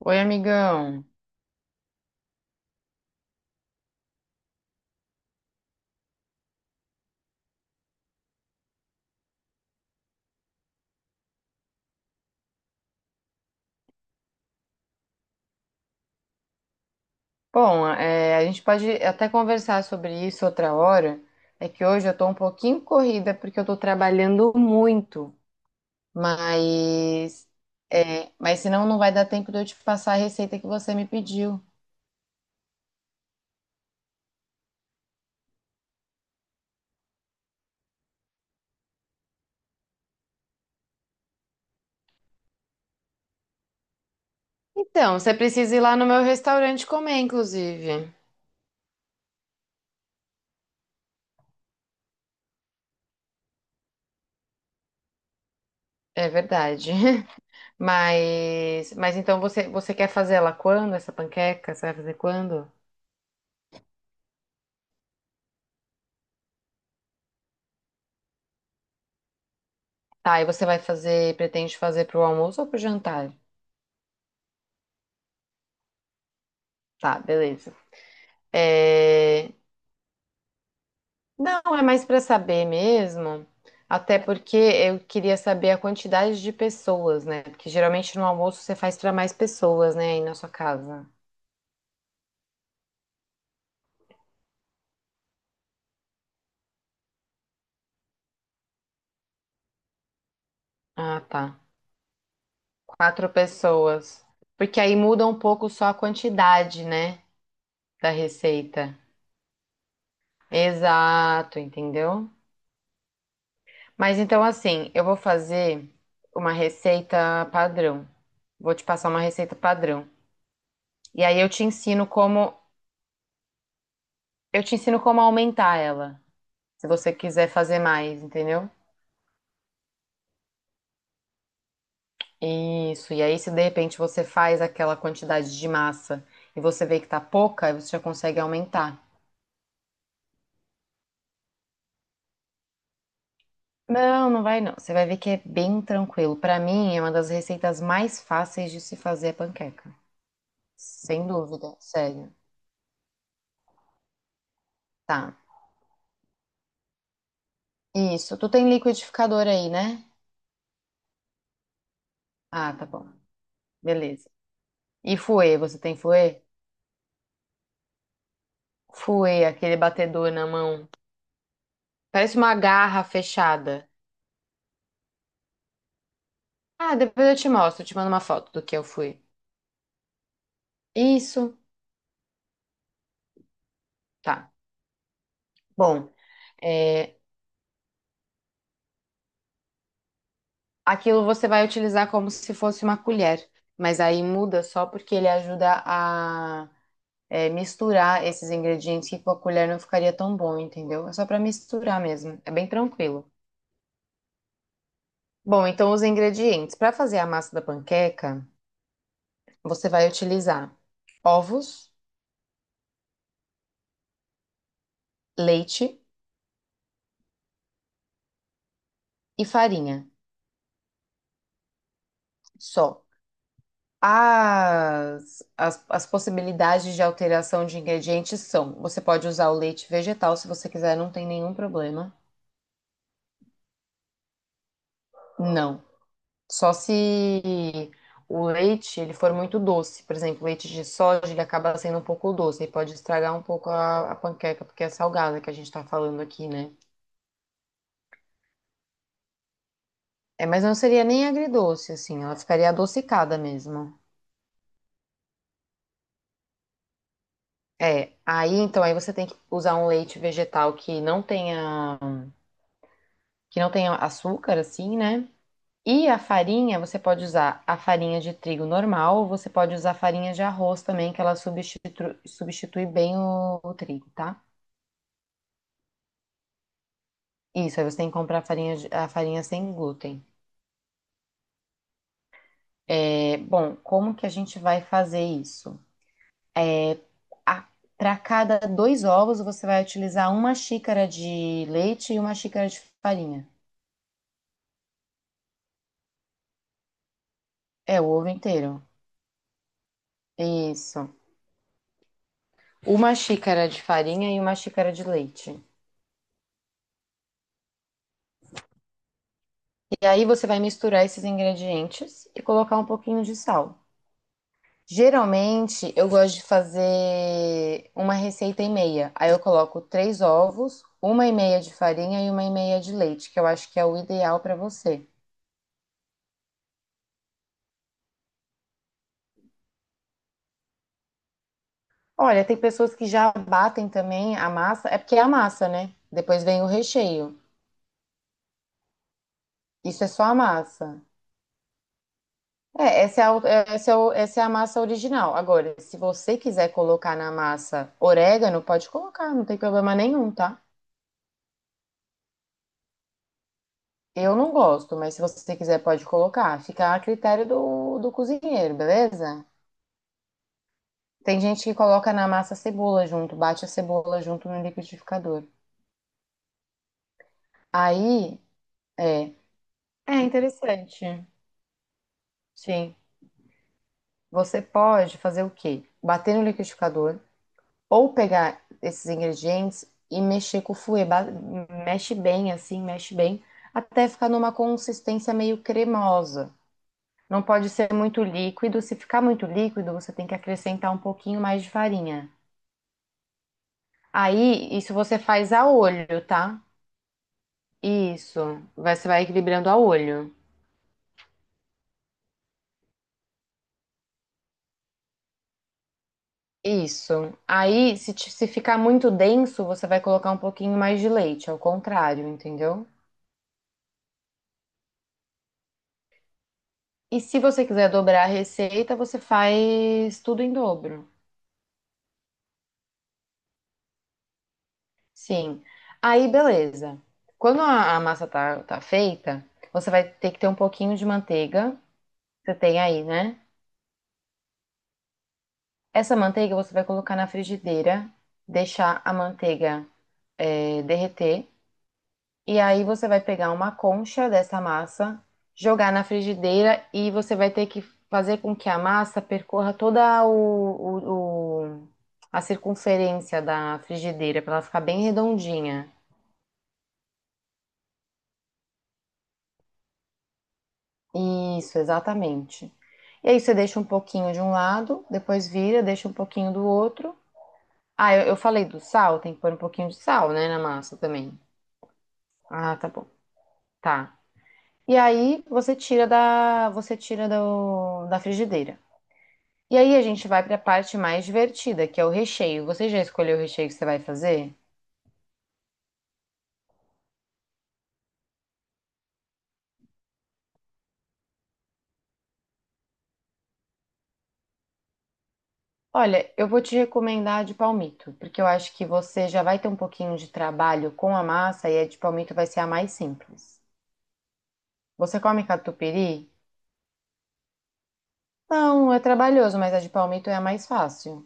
Oi, amigão. Bom, a gente pode até conversar sobre isso outra hora. É que hoje eu tô um pouquinho corrida porque eu tô trabalhando muito, mas mas senão não vai dar tempo de eu te passar a receita que você me pediu. Então, você precisa ir lá no meu restaurante comer, inclusive. É verdade. Mas então você quer fazer ela quando essa panqueca? Você vai fazer quando? Tá, e você vai fazer, pretende fazer pro almoço ou pro jantar? Tá, beleza. É, Não, é mais para saber mesmo, até porque eu queria saber a quantidade de pessoas, né? Porque geralmente no almoço você faz para mais pessoas, né, aí na sua casa. Ah, tá. Quatro pessoas. Porque aí muda um pouco só a quantidade, né, da receita. Exato, entendeu? Mas então assim, eu vou fazer uma receita padrão. Vou te passar uma receita padrão. E aí eu te ensino como aumentar ela. Se você quiser fazer mais, entendeu? Isso, e aí se de repente você faz aquela quantidade de massa e você vê que tá pouca, aí você já consegue aumentar. Não, não vai não. Você vai ver que é bem tranquilo. Pra mim, é uma das receitas mais fáceis de se fazer a panqueca. Sem dúvida, sério. Tá. Isso. Tu tem liquidificador aí, né? Ah, tá bom. Beleza. E fouet, você tem fouet? Fouet, aquele batedor na mão. Parece uma garra fechada. Ah, depois eu te mostro, eu te mando uma foto do que eu fui. Isso, tá. Bom, é, aquilo você vai utilizar como se fosse uma colher, mas aí muda só porque ele ajuda a misturar esses ingredientes que com a colher não ficaria tão bom, entendeu? É só para misturar mesmo, é bem tranquilo. Bom, então os ingredientes. Para fazer a massa da panqueca, você vai utilizar ovos, leite e farinha, só. As possibilidades de alteração de ingredientes são: você pode usar o leite vegetal se você quiser, não tem nenhum problema. Não. Só se o leite ele for muito doce. Por exemplo, o leite de soja ele acaba sendo um pouco doce e pode estragar um pouco a panqueca, porque é salgada que a gente está falando aqui, né? É, mas não seria nem agridoce, assim, ela ficaria adocicada mesmo. É, aí então aí você tem que usar um leite vegetal que não tenha açúcar, assim, né? E a farinha, você pode usar a farinha de trigo normal, ou você pode usar a farinha de arroz também, que ela substitui bem o trigo, tá? Isso, aí você tem que comprar a farinha sem glúten. É, bom, como que a gente vai fazer isso? Para cada dois ovos, você vai utilizar uma xícara de leite e uma xícara de farinha. É, o ovo inteiro. Isso. Uma xícara de farinha e uma xícara de leite. E aí você vai misturar esses ingredientes e colocar um pouquinho de sal. Geralmente eu gosto de fazer uma receita e meia. Aí eu coloco três ovos, uma e meia de farinha e uma e meia de leite, que eu acho que é o ideal para você. Olha, tem pessoas que já batem também a massa, é porque é a massa, né? Depois vem o recheio. Isso é só a massa. É, essa é a, essa é essa é a massa original. Agora, se você quiser colocar na massa orégano, pode colocar, não tem problema nenhum, tá? Eu não gosto, mas se você quiser pode colocar. Fica a critério do, do cozinheiro, beleza? Tem gente que coloca na massa a cebola junto, bate a cebola junto no liquidificador. Aí, é, é interessante. Sim. Você pode fazer o quê? Bater no liquidificador ou pegar esses ingredientes e mexer com o fouet. Mexe bem assim, mexe bem, até ficar numa consistência meio cremosa. Não pode ser muito líquido. Se ficar muito líquido, você tem que acrescentar um pouquinho mais de farinha. Aí, isso você faz a olho, tá? Isso. Você vai equilibrando a olho. Isso. Aí, se, ti- Se ficar muito denso, você vai colocar um pouquinho mais de leite, ao contrário, entendeu? E se você quiser dobrar a receita, você faz tudo em dobro. Sim. Aí, beleza. Quando a massa tá feita, você vai ter que ter um pouquinho de manteiga. Você tem aí, né? Essa manteiga você vai colocar na frigideira, deixar a manteiga derreter. E aí você vai pegar uma concha dessa massa, jogar na frigideira e você vai ter que fazer com que a massa percorra toda a circunferência da frigideira para ela ficar bem redondinha. Isso, exatamente. E aí você deixa um pouquinho de um lado, depois vira, deixa um pouquinho do outro. Ah, eu falei do sal, tem que pôr um pouquinho de sal, né, na massa também. Ah, tá bom. Tá. E aí você tira da frigideira. E aí a gente vai para a parte mais divertida, que é o recheio. Você já escolheu o recheio que você vai fazer? Olha, eu vou te recomendar a de palmito, porque eu acho que você já vai ter um pouquinho de trabalho com a massa e a de palmito vai ser a mais simples. Você come catupiry? Não, é trabalhoso, mas a de palmito é a mais fácil.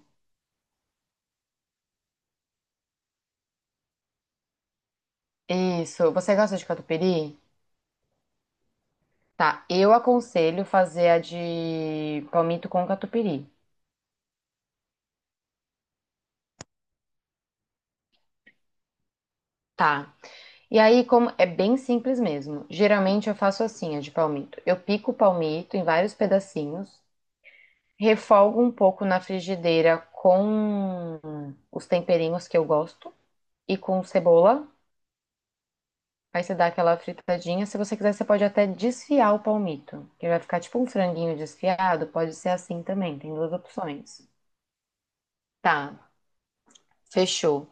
Isso. Você gosta de catupiry? Tá. Eu aconselho fazer a de palmito com catupiry. Tá. E aí, como é bem simples mesmo. Geralmente eu faço assim, a de palmito. Eu pico o palmito em vários pedacinhos, refolgo um pouco na frigideira com os temperinhos que eu gosto e com cebola. Aí você dá aquela fritadinha. Se você quiser, você pode até desfiar o palmito, que vai ficar tipo um franguinho desfiado. Pode ser assim também, tem duas opções. Tá, fechou.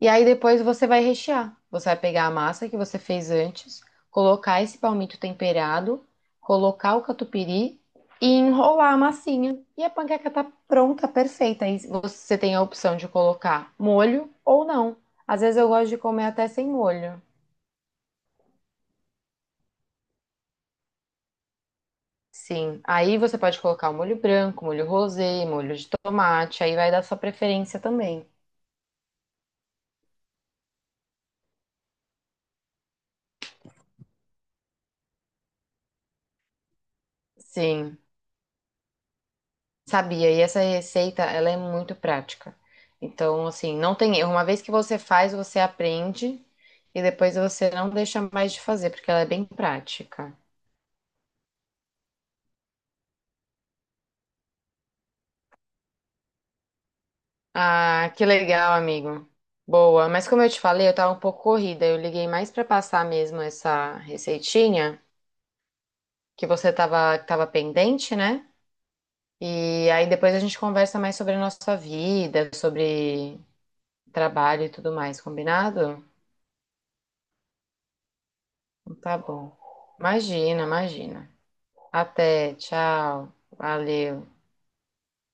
E aí depois você vai rechear. Você vai pegar a massa que você fez antes, colocar esse palmito temperado, colocar o catupiry e enrolar a massinha. E a panqueca tá pronta, perfeita. Aí você tem a opção de colocar molho ou não. Às vezes eu gosto de comer até sem molho. Sim, aí você pode colocar o molho branco, molho rosé, molho de tomate, aí vai dar sua preferência também. Sim. Sabia, e essa receita, ela é muito prática. Então, assim, não tem erro. Uma vez que você faz, você aprende e depois você não deixa mais de fazer, porque ela é bem prática. Ah, que legal, amigo. Boa, mas como eu te falei, eu tava um pouco corrida. Eu liguei mais pra passar mesmo essa receitinha que você tava pendente, né? E aí depois a gente conversa mais sobre a nossa vida, sobre trabalho e tudo mais, combinado? Então tá bom. Imagina, imagina. Até, tchau. Valeu.